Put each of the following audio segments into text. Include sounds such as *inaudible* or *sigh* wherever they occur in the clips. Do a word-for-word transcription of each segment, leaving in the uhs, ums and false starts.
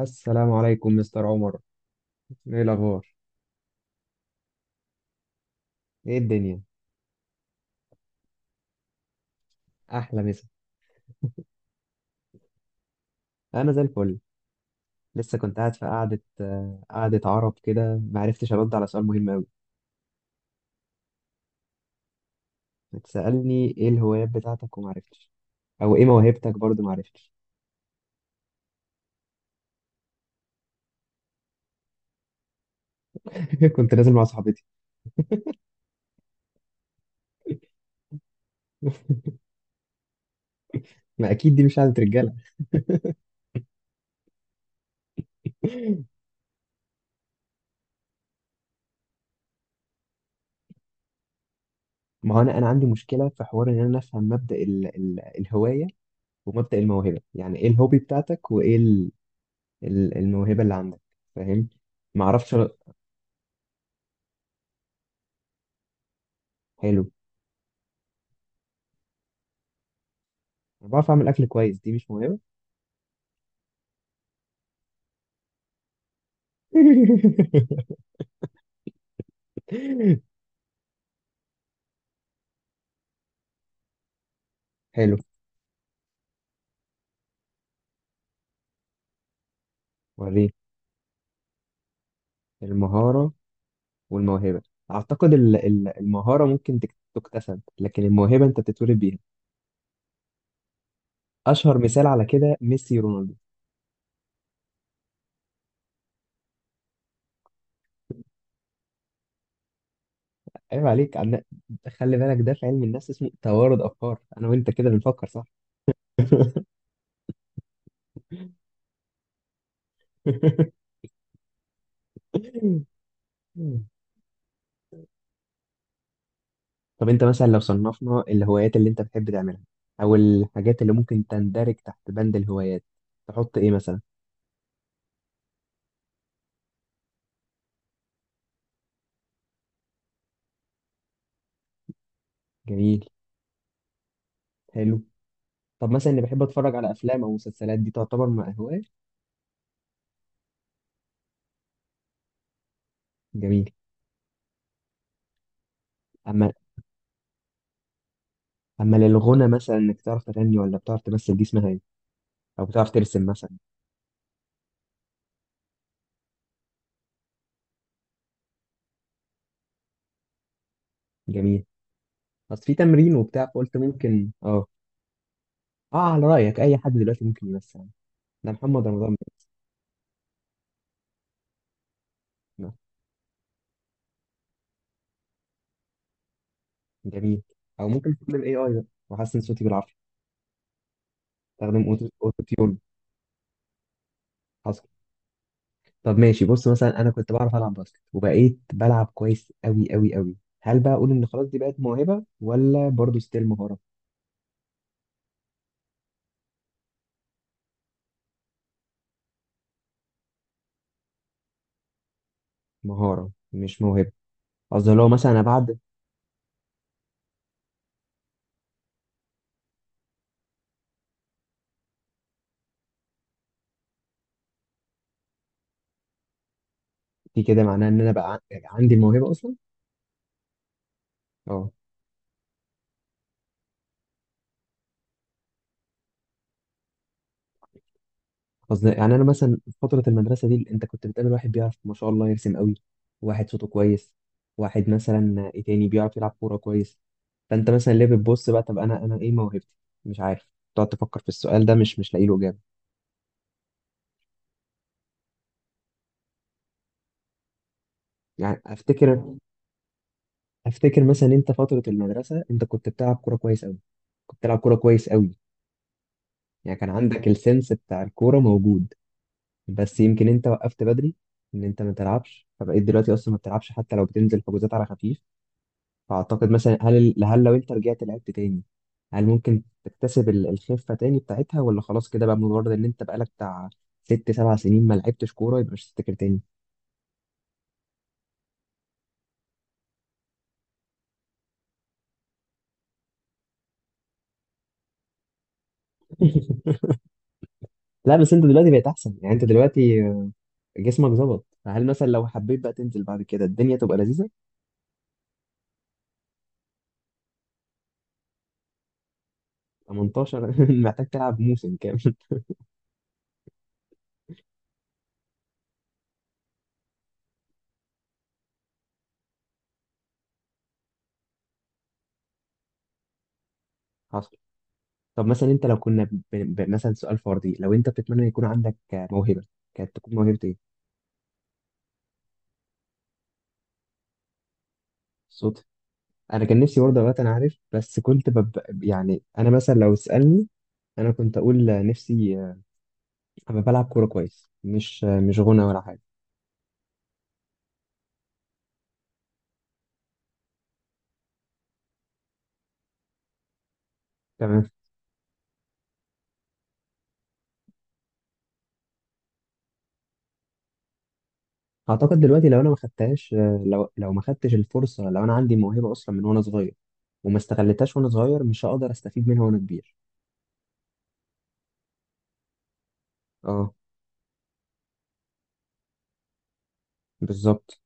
السلام عليكم مستر عمر. ايه الاخبار؟ ايه الدنيا؟ احلى مسا. انا زي الفل. لسه كنت قاعد في قعده آه، قعده عرب كده، ما عرفتش ارد على سؤال مهم قوي. بتسالني ايه الهوايات بتاعتك وما عرفتش، او ايه موهبتك برضه ما عرفتش. *laughs* كنت نازل مع صاحبتي. ما اكيد دي مش قعده رجاله. *laughs* ما هو انا انا عندي مشكله في حوار ان انا افهم مبدا ال ال الهوايه ومبدا الموهبه، يعني ايه الهوبي بتاعتك وايه ال ال الموهبه اللي عندك؟ فاهم. ما اعرفش. حلو. أنا بعرف اعمل اكل كويس، دي مش موهبه. *laughs* حلو، وريني. المهارة والموهبة، أعتقد ال- ال- المهارة ممكن تك- تكتسب، لكن الموهبة أنت بتتولد بيها. أشهر مثال على كده ميسي رونالدو. عيب عليك عن... خلي بالك ده في علم النفس اسمه توارد أفكار، أنا وأنت كده بنفكر صح. *laughs* طب أنت مثلا لو صنفنا الهوايات اللي أنت بتحب تعملها أو الحاجات اللي ممكن تندرج تحت بند الهوايات، تحط إيه مثلا؟ جميل. حلو. طب مثلا اللي بحب اتفرج على افلام او مسلسلات دي تعتبر مع هواية؟ جميل. اما اما للغنى مثلا، انك تعرف تغني ولا بتعرف تمثل دي اسمها ايه؟ او بتعرف ترسم مثلا. جميل. بس في تمرين وبتاع، فقلت ممكن اه. اه، على رايك اي حد دلوقتي ممكن يمثل؟ ده محمد رمضان بيعمل. جميل. او ممكن استخدم اي اي بقى واحسن صوتي بالعافيه. استخدم اوتو أوتو تيون. حصل. طب ماشي، بص مثلا انا كنت بعرف العب باسكت وبقيت بلعب كويس قوي قوي قوي، هل بقى اقول ان خلاص دي بقت موهبه ولا برضو ستيل مهاره؟ مهاره مش موهبه؟ قصدي لو مثلا انا بعد. دي كده معناها ان انا بقى عن- عندي الموهبه اصلا. اه. قصدي يعني انا مثلا في فتره المدرسه دي انت كنت بتقابل واحد بيعرف ما شاء الله يرسم قوي، واحد صوته كويس، واحد مثلا ايه تاني بيعرف يلعب كوره كويس، فانت مثلا ليه بتبص بقى طب انا انا ايه موهبتي؟ مش عارف، تقعد تفكر في السؤال ده مش مش لاقي له اجابه. يعني افتكر، افتكر مثلا انت فتره المدرسه انت كنت بتلعب كوره كويس قوي. كنت بتلعب كوره كويس قوي، يعني كان عندك السنس بتاع الكوره موجود، بس يمكن انت وقفت بدري ان انت ما تلعبش، فبقيت دلوقتي اصلا ما بتلعبش حتى لو بتنزل حجوزات على خفيف. فاعتقد مثلا هل ال- هل لو انت رجعت لعبت تاني هل ممكن تكتسب ال- الخفه تاني بتاعتها، ولا خلاص كده بقى مجرد ان انت بقالك بتاع ست سبع سنين ما لعبتش كوره يبقى مش هتفتكر تاني؟ *laughs* لا، بس انت دلوقتي بقيت احسن، يعني انت دلوقتي جسمك ظبط، فهل مثلا لو حبيت بقى تنزل بعد كده الدنيا تبقى لذيذه؟ تمنتاشر؟ *laughs* محتاج تلعب موسم كامل. *laughs* طب مثلا انت لو كنا ب... ب... مثلا سؤال فردي، لو انت بتتمنى يكون عندك موهبة، كانت تكون موهبة ايه؟ الصوت؟ انا كان نفسي برضه، دلوقتي انا عارف بس كنت بب... يعني انا مثلا لو تسألني انا كنت اقول نفسي ابقى بلعب كورة كويس، مش مش غنى ولا حاجة. تمام. اعتقد دلوقتي لو انا ما خدتهاش، لو لو ما خدتش الفرصة، لو انا عندي موهبة اصلا من وانا صغير وما استغلتهاش وانا صغير، مش هقدر استفيد منها وانا كبير. اه. بالظبط.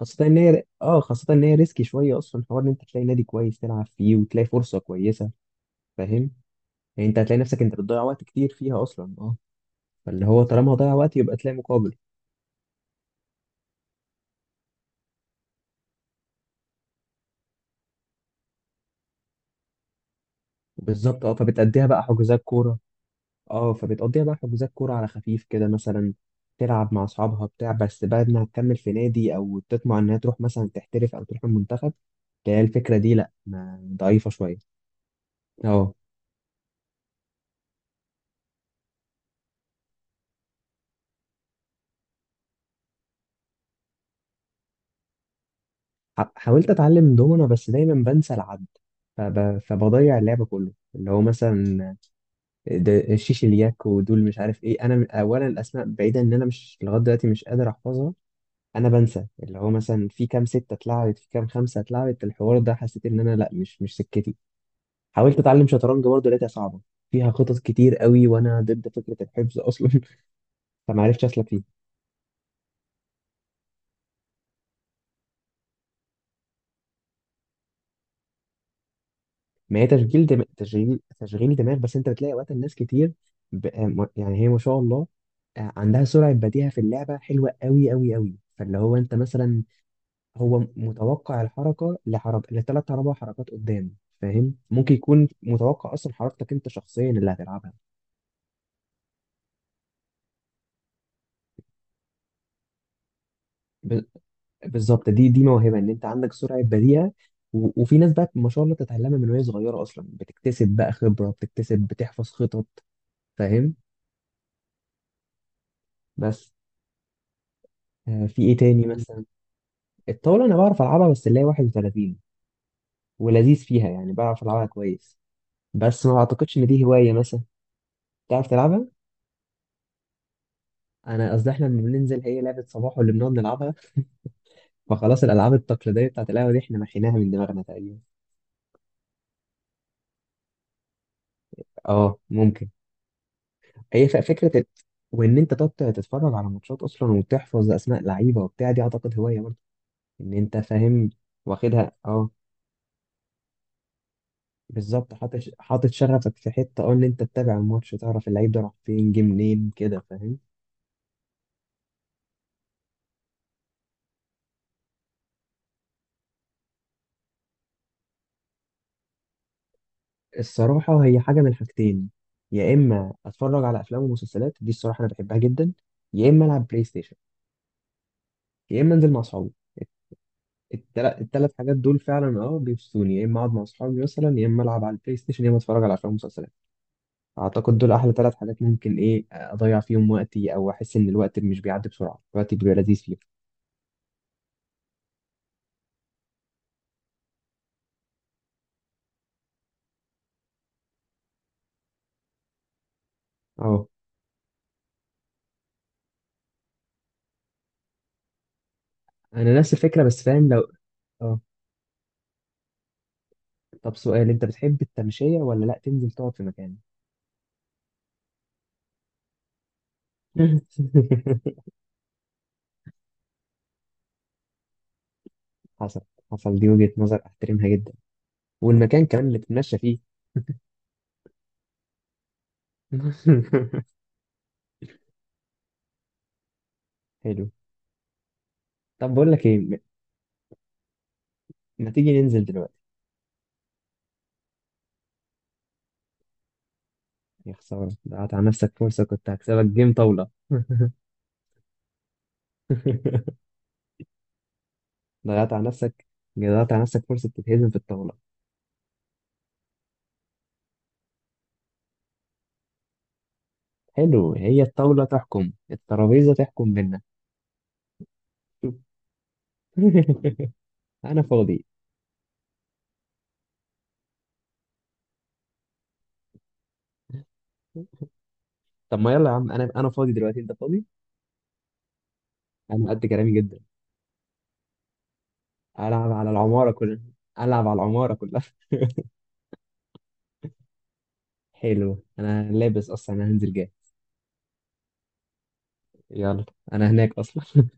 خاصة ان هي اه خاصة ان هي ريسكي شوية اصلا، حوار ان انت تلاقي نادي كويس تلعب فيه وتلاقي فرصة كويسة. فاهم. يعني انت هتلاقي نفسك انت بتضيع وقت كتير فيها اصلا، اه. فاللي هو طالما هضيع وقت يبقى تلاقي مقابل. بالظبط. اه فبتأديها بقى حجوزات كورة اه فبتقضيها بقى حجوزات كورة على خفيف كده مثلا، تلعب مع اصحابها بتاع، بس بعد ما تكمل في نادي او تطمع انها تروح مثلا تحترف او تروح المنتخب، تلاقي الفكرة دي لا ما ضعيفة شوية. اه. ح- حاولت اتعلم دومنا، بس دايما بنسى العد، فب... فبضيع اللعب كله اللي هو مثلا ده شيش الياك ودول مش عارف ايه. انا م- اولا الاسماء بعيدا، ان انا مش لغايه دلوقتي مش قادر احفظها. انا بنسى اللي هو مثلا في كام ستة اتلعبت في كام خمسة اتلعبت، الحوار ده حسيت ان انا لا مش مش سكتي. حاولت اتعلم شطرنج برضه لقيتها صعبة، فيها خطط كتير قوي وانا ضد فكرة الحفظ اصلا. *laughs* فما عرفتش اسلك. ما هي تشغيل دم... تشغيل تشغيل دماغ، بس انت بتلاقي وقت الناس كتير، ب... آه، م- يعني هي ما شاء الله، آه، عندها سرعة بديهة في اللعبة حلوة قوي قوي قوي، فاللي هو انت مثلا هو متوقع الحركة لحركة لثلاث اربع حركات قدام. فاهم، ممكن يكون متوقع اصلا حركتك انت شخصيا اللي هتلعبها. ب... بالظبط، دي دي موهبة ان انت عندك سرعة بديهة، و... وفي ناس بقى ما شاء الله تتعلمها من وهي صغيرة اصلا بتكتسب بقى خبرة، بتكتسب بتحفظ خطط. فاهم. بس آه، في ايه تاني مثلا؟ الطاولة أنا بعرف ألعبها، بس اللي هي واحد وثلاثين ولذيذ فيها، يعني بعرف ألعبها كويس، بس ما أعتقدش إن دي هواية مثلا. تعرف تلعبها؟ أنا قصدي إحنا لما بننزل هي لعبة صباح واللي بنقعد نلعبها، فخلاص الألعاب التقليدية بتاعت القهوة دي إحنا محيناها من دماغنا تقريبا. أه ممكن. هي ف- فكرة ال- وإن أنت تقعد تتفرج على ماتشات أصلا وتحفظ أسماء لعيبة وبتاع دي أعتقد هواية برضه، إن أنت فاهم. واخدها، أه. بالظبط، حاطط حاطط شغفك في حتة، أه إن أنت تتابع الماتش تعرف اللعيب ده راح فين جه منين كده. فاهم. الصراحة هي حاجة من حاجتين، يا إما أتفرج على أفلام ومسلسلات دي الصراحة أنا بحبها جدا، يا إما ألعب بلاي ستيشن، يا إما أنزل مع أصحابي. التل... التلات حاجات دول فعلا أه بيبسطوني، يا إما أقعد مع أصحابي مثلا، يا إما ألعب على البلاي ستيشن، يا إما أتفرج على أفلام ومسلسلات. أعتقد دول أحلى تلات حاجات ممكن إيه أضيع فيهم وقتي، أو أحس إن الوقت مش بيعدي بسرعة، الوقت بيبقى لذيذ فيهم. أه. أنا نفس الفكرة، بس فاهم لو. أه. طب سؤال، أنت بتحب التمشية ولا لأ تنزل تقعد في مكان؟ *laughs* حصل. حصل، دي وجهة نظر أحترمها جدا. والمكان كمان نتمشى فيه. *laughs* حلو. طب بقول لك ايه م- ما تيجي ننزل دلوقتي؟ يا خسارة، ضيعت على نفسك فرصة، كنت هكسبك جيم طاولة. *laughs* ضيعت على نفسك ضيعت على نفسك فرصة تتهزم في الطاولة. حلو، هي الطاولة تحكم، الترابيزة تحكم بينا. شوف. *laughs* أنا فاضي. طب ما يلا يا عم، أنا أنا فاضي دلوقتي، أنت فاضي؟ أنا قد كلامي جدا. ألعب على العمارة كلها، ألعب على العمارة كلها. *laughs* حلو، أنا لابس أصلا، أنا هنزل جاي. يلا. أنا هناك أصلا.